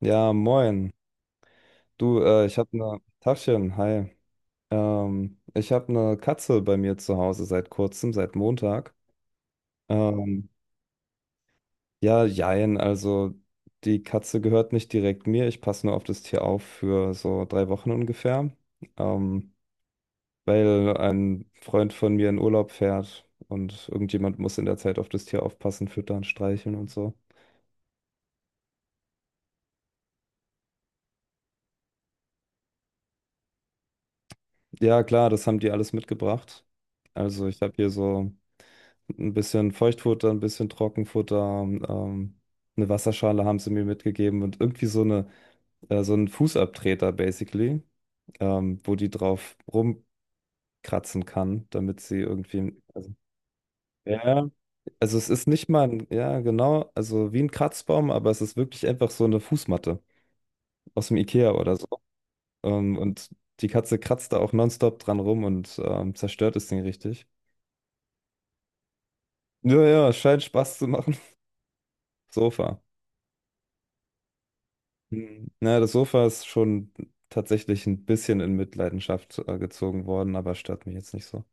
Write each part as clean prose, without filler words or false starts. Ja, moin. Du, ich habe eine Tachchen, hi. Ich habe eine Katze bei mir zu Hause seit kurzem, seit Montag. Ähm, ja, jein, also die Katze gehört nicht direkt mir. Ich passe nur auf das Tier auf für so 3 Wochen ungefähr, ähm, weil ein Freund von mir in Urlaub fährt und irgendjemand muss in der Zeit auf das Tier aufpassen, füttern, streicheln und so. Ja, klar, das haben die alles mitgebracht. Also ich habe hier so. Ein bisschen Feuchtfutter, ein bisschen Trockenfutter, ähm, eine Wasserschale haben sie mir mitgegeben und irgendwie so einen Fußabtreter basically, wo die drauf rumkratzen kann, damit sie irgendwie. Also, ja, also es ist nicht mal ein, ja, genau, also wie ein Kratzbaum, aber es ist wirklich einfach so eine Fußmatte aus dem IKEA oder so. Und die Katze kratzt da auch nonstop dran rum und zerstört das Ding richtig. Ja, ja, scheint Spaß zu machen. Sofa. Hm. Na, das Sofa ist schon tatsächlich ein bisschen in Mitleidenschaft gezogen worden, aber stört mich jetzt nicht so.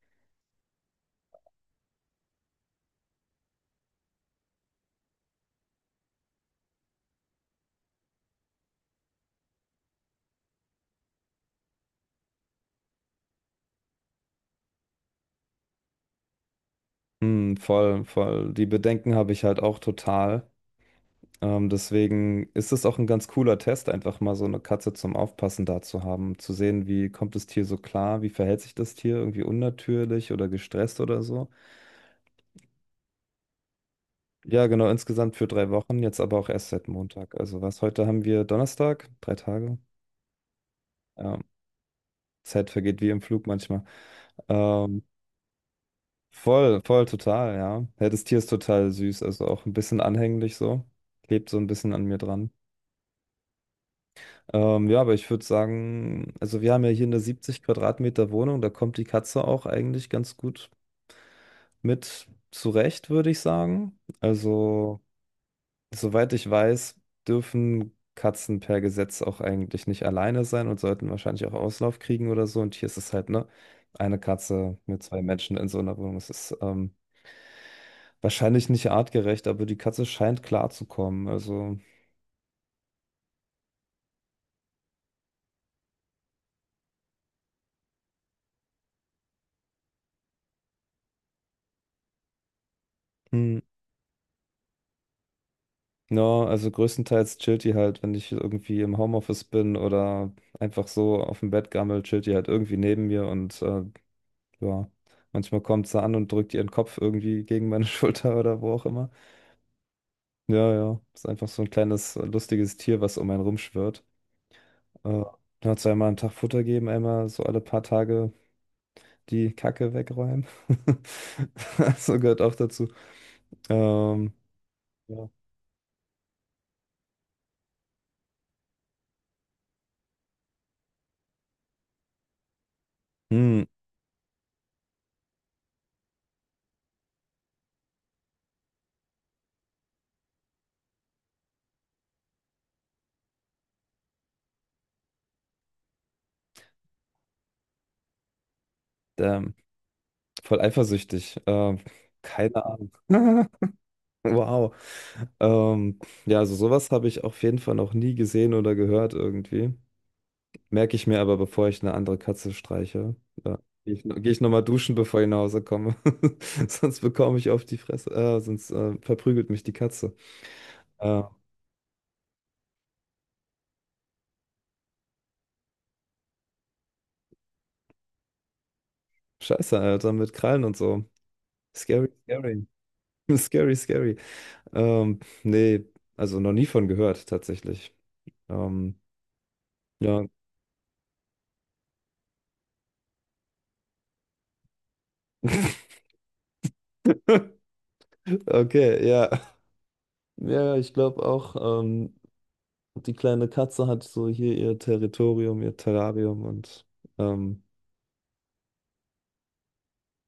Hm, voll, voll. Die Bedenken habe ich halt auch total. Deswegen ist es auch ein ganz cooler Test, einfach mal so eine Katze zum Aufpassen da zu haben, zu sehen, wie kommt das Tier so klar, wie verhält sich das Tier, irgendwie unnatürlich oder gestresst oder so. Ja, genau, insgesamt für 3 Wochen, jetzt aber auch erst seit Montag. Also was, heute haben wir Donnerstag, 3 Tage. Ja, Zeit vergeht wie im Flug manchmal. Ähm, Voll voll, total, ja. Ja, das Tier ist total süß, also auch ein bisschen anhänglich so. Klebt so ein bisschen an mir dran. Ja, aber ich würde sagen, also wir haben ja hier eine 70 Quadratmeter Wohnung, da kommt die Katze auch eigentlich ganz gut mit zurecht, würde ich sagen. Also, soweit ich weiß, dürfen Katzen per Gesetz auch eigentlich nicht alleine sein und sollten wahrscheinlich auch Auslauf kriegen oder so. Und hier ist es halt, ne, eine Katze mit zwei Menschen in so einer Wohnung. Es ist wahrscheinlich nicht artgerecht, aber die Katze scheint klarzukommen. Also, hm, ja, also größtenteils chillt die halt, wenn ich irgendwie im Homeoffice bin oder einfach so auf dem Bett gammel, chillt die halt irgendwie neben mir und ja, manchmal kommt sie an und drückt ihren Kopf irgendwie gegen meine Schulter oder wo auch immer. Ja, ja, ist einfach so ein kleines lustiges Tier, was um einen rumschwirrt. Äh, ja, zweimal am Tag Futter geben, einmal so alle paar Tage die Kacke wegräumen. So gehört auch dazu. Ähm, ja. Hm, ähm, voll eifersüchtig. Keine Ahnung. Wow. Ähm, ja, also sowas habe ich auf jeden Fall noch nie gesehen oder gehört irgendwie. Merke ich mir aber, bevor ich eine andere Katze streiche. Ja. Geh ich nochmal duschen, bevor ich nach Hause komme. Sonst bekomme ich auf die Fresse. Sonst verprügelt mich die Katze. Äh, scheiße, Alter, mit Krallen und so. Scary, scary. Scary, scary. Nee, also noch nie von gehört, tatsächlich. Ähm, ja. Okay, ja. Ja, ja, ich glaube auch, die kleine Katze hat so hier ihr Territorium, ihr Terrarium und, ähm,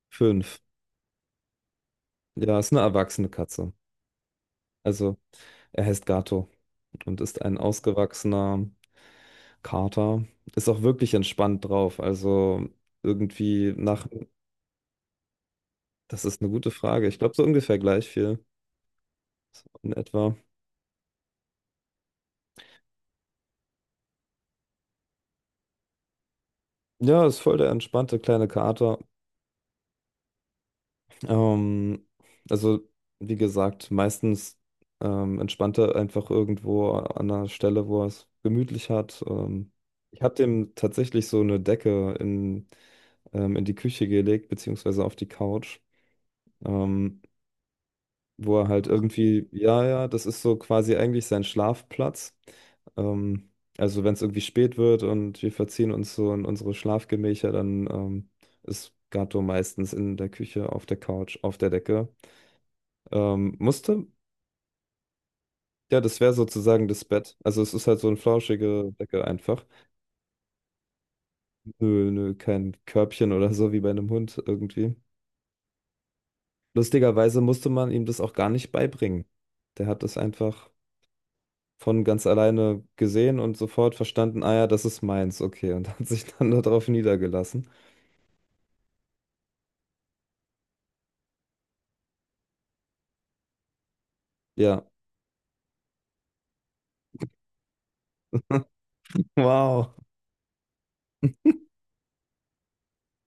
5. Ja, ist eine erwachsene Katze. Also, er heißt Gato und ist ein ausgewachsener Kater. Ist auch wirklich entspannt drauf. Also, irgendwie nach. Das ist eine gute Frage. Ich glaube, so ungefähr gleich viel. So in etwa. Ja, ist voll der entspannte kleine Kater. Ähm, also, wie gesagt, meistens entspannt er einfach irgendwo an einer Stelle, wo er es gemütlich hat. Ich habe dem tatsächlich so eine Decke in die Küche gelegt, beziehungsweise auf die Couch, ähm, wo er halt irgendwie, ja, ja, das ist so quasi eigentlich sein Schlafplatz. Ähm, also, wenn es irgendwie spät wird und wir verziehen uns so in unsere Schlafgemächer, dann ist Gato meistens in der Küche, auf der Couch, auf der Decke. Musste? Ja, das wäre sozusagen das Bett. Also es ist halt so eine flauschige Decke einfach. Nö, nö, kein Körbchen oder so wie bei einem Hund irgendwie. Lustigerweise musste man ihm das auch gar nicht beibringen. Der hat das einfach von ganz alleine gesehen und sofort verstanden, ah ja, das ist meins, okay, und hat sich dann darauf niedergelassen. Ja, wow,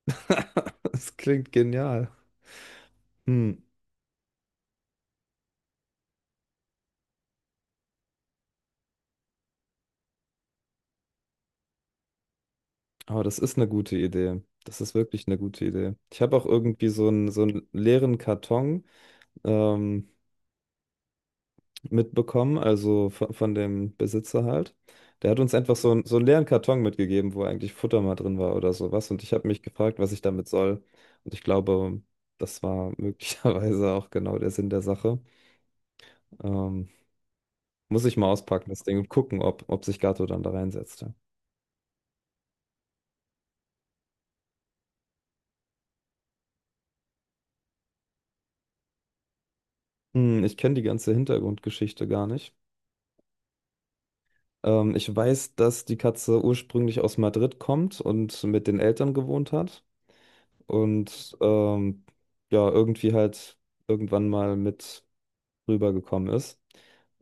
das klingt genial. Hm. Aber das ist eine gute Idee. Das ist wirklich eine gute Idee. Ich habe auch irgendwie so einen leeren Karton. ähm, mitbekommen, also von dem Besitzer halt. Der hat uns einfach so, so einen leeren Karton mitgegeben, wo eigentlich Futter mal drin war oder sowas. Und ich habe mich gefragt, was ich damit soll. Und ich glaube, das war möglicherweise auch genau der Sinn der Sache. Ähm, muss ich mal auspacken, das Ding, und gucken, ob sich Gato dann da reinsetzt. Ja. Hm, ich kenne die ganze Hintergrundgeschichte gar nicht. Ich weiß, dass die Katze ursprünglich aus Madrid kommt und mit den Eltern gewohnt hat. Und ja, irgendwie halt irgendwann mal mit rübergekommen ist.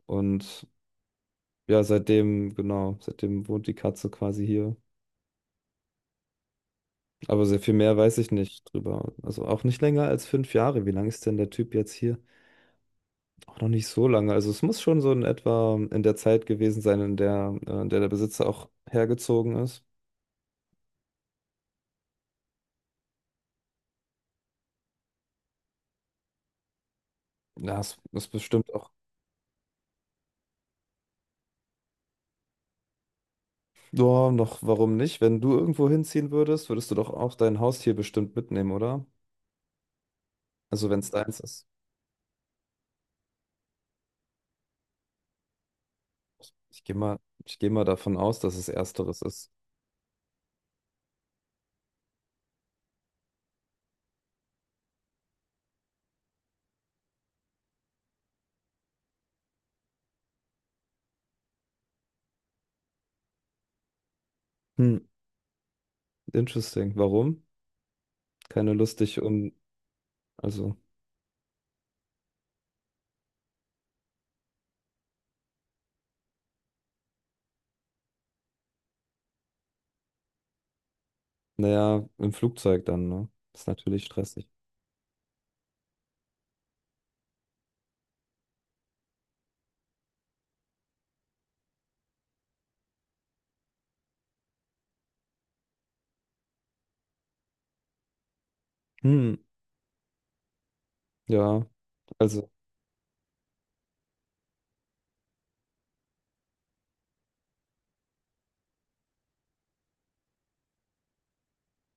Und ja, seitdem, genau, seitdem wohnt die Katze quasi hier. Aber sehr viel mehr weiß ich nicht drüber. Also auch nicht länger als 5 Jahre. Wie lange ist denn der Typ jetzt hier? Auch noch nicht so lange. Also es muss schon so in etwa in der Zeit gewesen sein, in der der Besitzer auch hergezogen ist. Ja, es ist bestimmt auch. Ja, noch, warum nicht? Wenn du irgendwo hinziehen würdest, würdest du doch auch dein Haustier bestimmt mitnehmen, oder? Also wenn es deins ist. Ich gehe mal, ich gehe mal davon aus, dass es ersteres ist. Hm, interesting. Warum? Keine Lust, dich um, also, naja, im Flugzeug dann, ne? Ist natürlich stressig. Hm, ja. Also,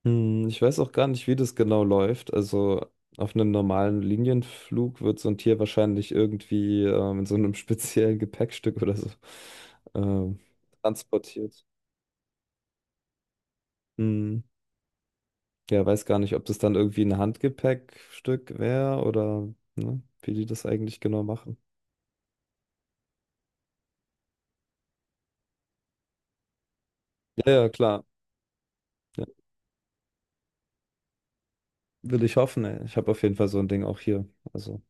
ich weiß auch gar nicht, wie das genau läuft. Also, auf einem normalen Linienflug wird so ein Tier wahrscheinlich irgendwie in so einem speziellen Gepäckstück oder so ähm, transportiert. Hm. Ja, weiß gar nicht, ob das dann irgendwie ein Handgepäckstück wäre oder ne, wie die das eigentlich genau machen. Ja, ja, klar. Ja, will ich hoffen, ey. Ich habe auf jeden Fall so ein Ding auch hier. Also,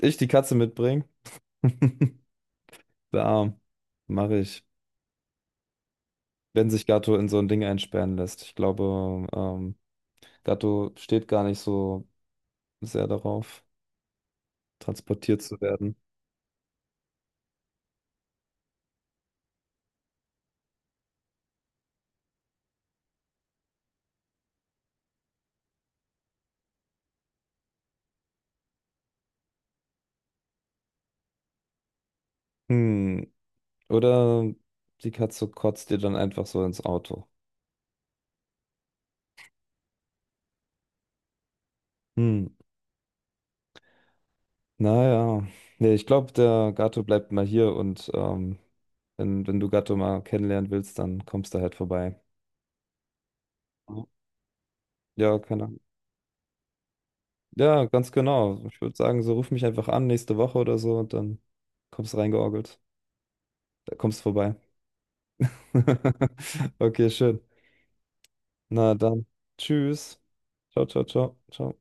ich die Katze mitbringen. Der Arm. Mache ich. Wenn sich Gatto in so ein Ding einsperren lässt. Ich glaube, Gatto steht gar nicht so sehr darauf, transportiert zu werden. Hm. Oder die Katze kotzt dir dann einfach so ins Auto. Hm. Naja, nee, ich glaube, der Gato bleibt mal hier und wenn du Gato mal kennenlernen willst, dann kommst du halt vorbei. Ja. Ja, keine Ahnung. Ja, ganz genau. Ich würde sagen, so ruf mich einfach an nächste Woche oder so und dann kommst du reingeorgelt. Da kommst du vorbei. Okay, schön. Na dann. Tschüss. Ciao, ciao, ciao, ciao.